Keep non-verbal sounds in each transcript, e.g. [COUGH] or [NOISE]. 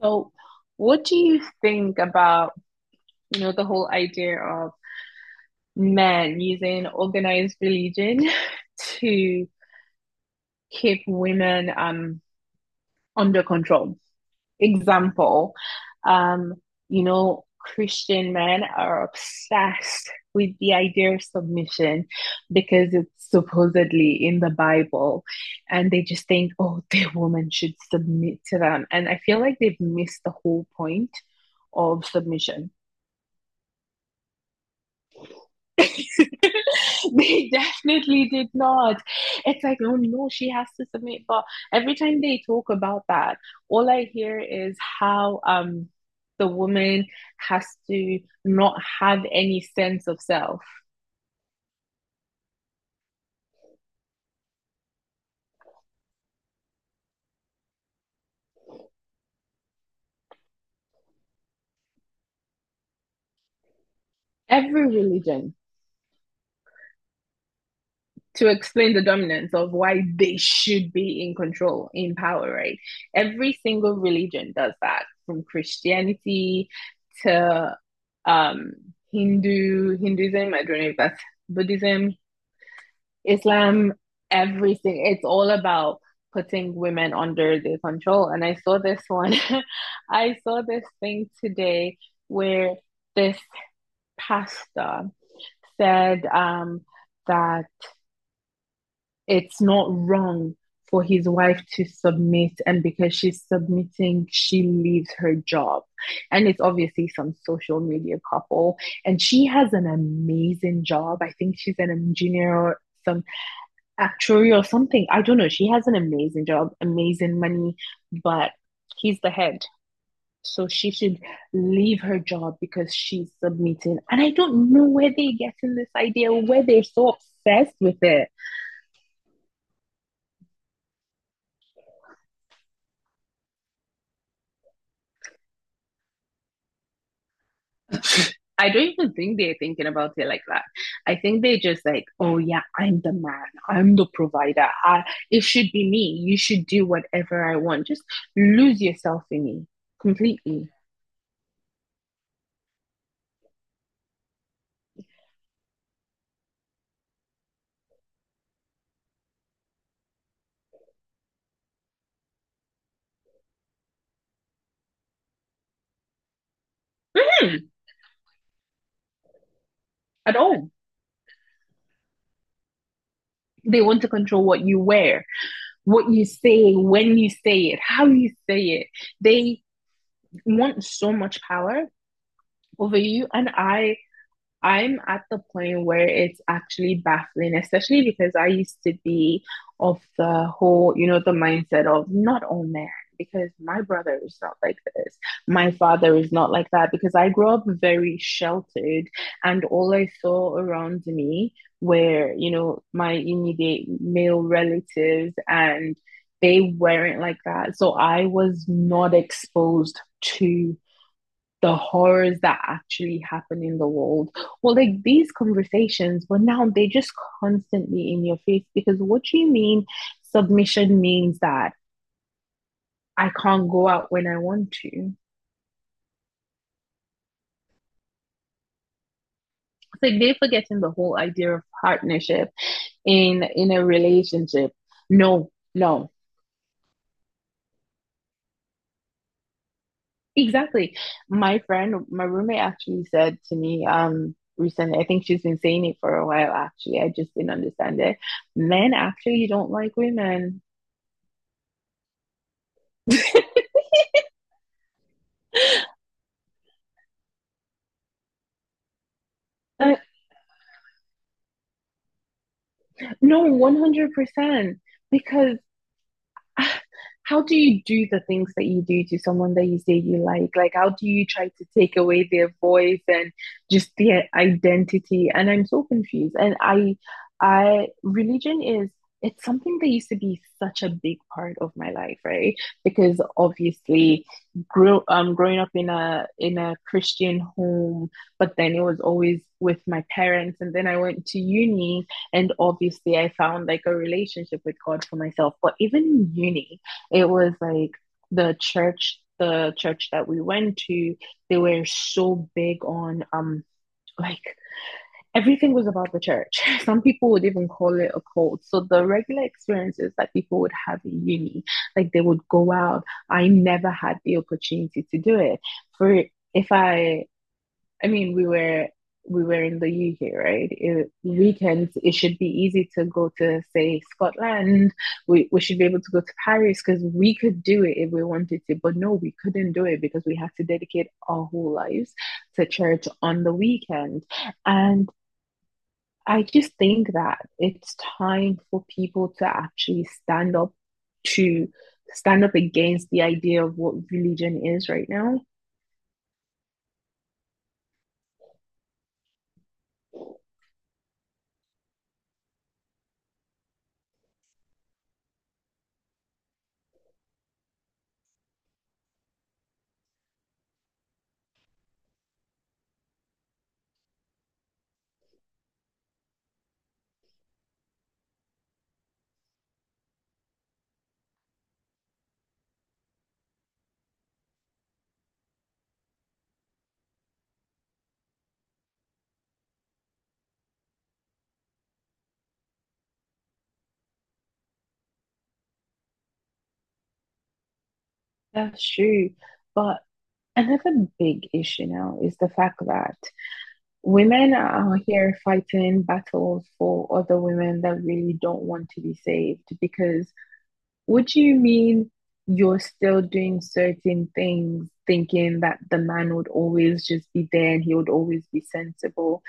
So, what do you think about, you know, the whole idea of men using organized religion [LAUGHS] to keep women under control? Example, um, you know, Christian men are obsessed with the idea of submission because it's supposedly in the Bible, and they just think, oh, [LAUGHS] the woman should submit to them. And I feel like they've missed the whole point of submission. [LAUGHS] They definitely did not. It's like, oh no, she has to submit. But every time they talk about that, all I hear is how the woman has to not have any sense of self. Every religion to explain the dominance of why they should be in control, in power, right? Every single religion does that, from Christianity to um, Hindu, Hinduism, I don't know if that's Buddhism, Islam, everything. It's all about putting women under their control. And I saw this one, [LAUGHS] I saw this thing today where this pastor said that it's not wrong for his wife to submit, and because she's submitting, she leaves her job. And it's obviously some social media couple, and she has an amazing job. I think she's an engineer or some actuary or something. I don't know. She has an amazing job, amazing money, but he's the head. So she should leave her job because she's submitting. And I don't know where they're getting this idea, where they're so obsessed with it. I don't even think they're thinking about it like that. I think they just like, oh yeah, I'm the man. I'm the provider. I, it should be me. You should do whatever I want. Just lose yourself in me completely. Mhm. At all. They want to control what you wear, what you say, when you say it, how you say it. They want so much power over you. And I'm at the point where it's actually baffling, especially because I used to be of the whole, you know, the mindset of not all men, because my brother is not like this. My father is not like that, because I grew up very sheltered and all I saw around me were, you know, my immediate male relatives and they weren't like that. So I was not exposed to the horrors that actually happen in the world. Well, like these conversations, but now they're just constantly in your face because what do you mean submission means that I can't go out when I want to? It's like they're forgetting the whole idea of partnership in a relationship. No, no. Exactly. My friend, my roommate actually said to me, recently. I think she's been saying it for a while, actually. I just didn't understand it. Men actually don't like women. [LAUGHS] Uh, no, 100%. Because [SIGHS] uh, how do you do the things that you do to someone that you say you like? Like, how do you try to take away their voice and just their identity? And I'm so confused. Religion is, it's something that used to be such a big part of my life, right? Because obviously, grew growing up in a Christian home, but then it was always with my parents, and then I went to uni. And obviously, I found like a relationship with God for myself. But even in uni, it was like the church that we went to, they were so big on like everything was about the church. [LAUGHS] Some people would even call it a cult. So the regular experiences that people would have in uni, like they would go out. I never had the opportunity to do it. For if I I mean, we were in the UK, right? It, weekends, it should be easy to go to, say, Scotland. We should be able to go to Paris because we could do it if we wanted to. But no, we couldn't do it because we had to dedicate our whole lives to church on the weekend. And I just think that it's time for people to actually stand up to stand up against the idea of what religion is right now. That's true. But another big issue now is the fact that women are out here fighting battles for other women that really don't want to be saved because would you mean you're still doing certain things, thinking that the man would always just be there and he would always be sensible?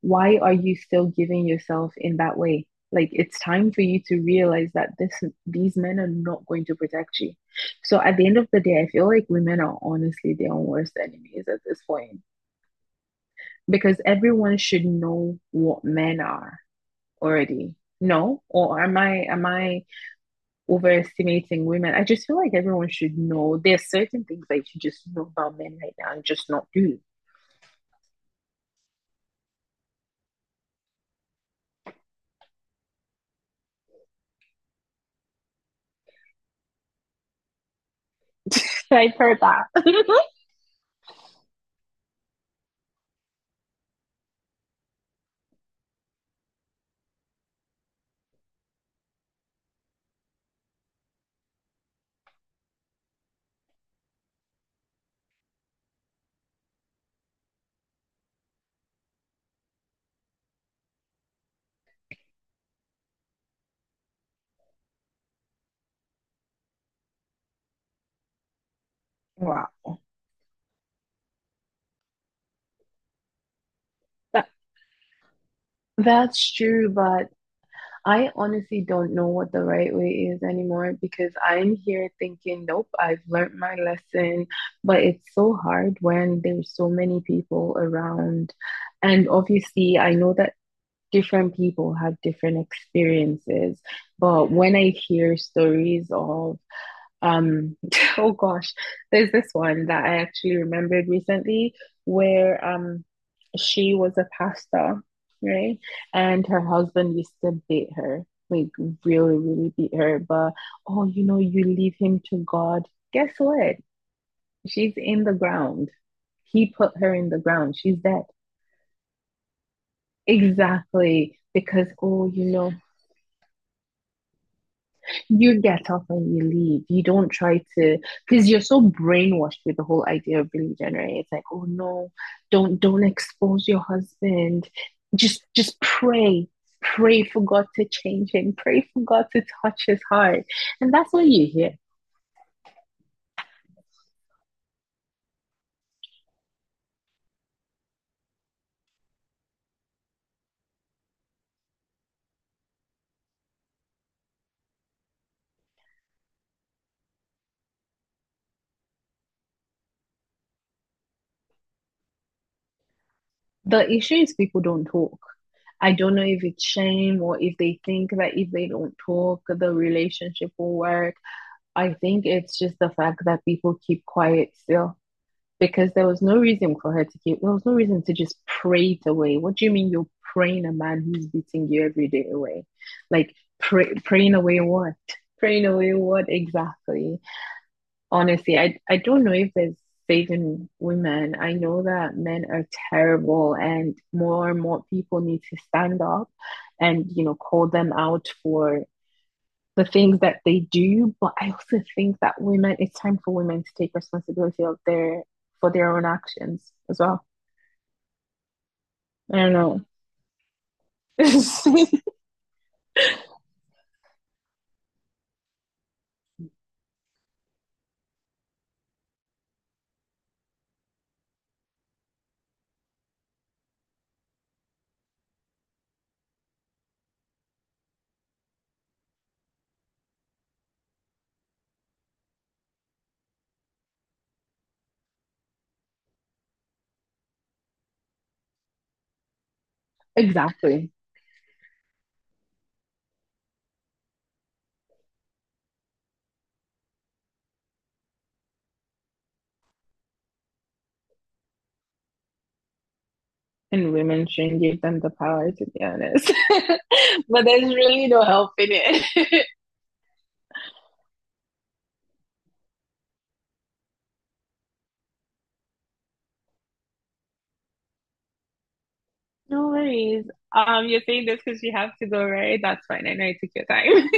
Why are you still giving yourself in that way? Like it's time for you to realize that this these men are not going to protect you. So at the end of the day, I feel like women are honestly their own worst enemies at this point because everyone should know what men are already. No, or am I overestimating women. I just feel like everyone should know there's certain things that you should just know about men right now and just not do. [LAUGHS] I've heard that. [LAUGHS] Wow. That, that's true, but I honestly don't know what the right way is anymore because I'm here thinking, nope, I've learned my lesson. But it's so hard when there's so many people around. And obviously, I know that different people have different experiences. But when I hear stories of um, [LAUGHS] oh gosh, there's this one that I actually remembered recently where she was a pastor, right? And her husband used to beat her, like really, really beat her. But oh, you know, you leave him to God. Guess what? She's in the ground. He put her in the ground. She's dead. Exactly. Because, oh, you know, you get up and you leave. You don't try to, because you're so brainwashed with the whole idea of religion, right? It's like, oh no, don't expose your husband. Just pray. Pray for God to change him. Pray for God to touch his heart. And that's what you hear. The issue is people don't talk. I don't know if it's shame or if they think that if they don't talk, the relationship will work. I think it's just the fact that people keep quiet still because there was no reason for her to keep, there was no reason to just pray it away. What do you mean you're praying a man who's beating you every day away? Like, praying away what? Praying away what exactly? Honestly, I don't know if there's saving women. I know that men are terrible and more people need to stand up and, you know, call them out for the things that they do. But I also think that women, it's time for women to take responsibility of their for their own actions as well. I don't know. [LAUGHS] Exactly. And women shouldn't give them the power, to be honest. [LAUGHS] But there's really no help in it. [LAUGHS] No worries. You're saying this because you have to go, right? That's fine. I know you took your time.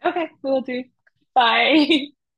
[LAUGHS] Okay, we'll do. Bye. [LAUGHS]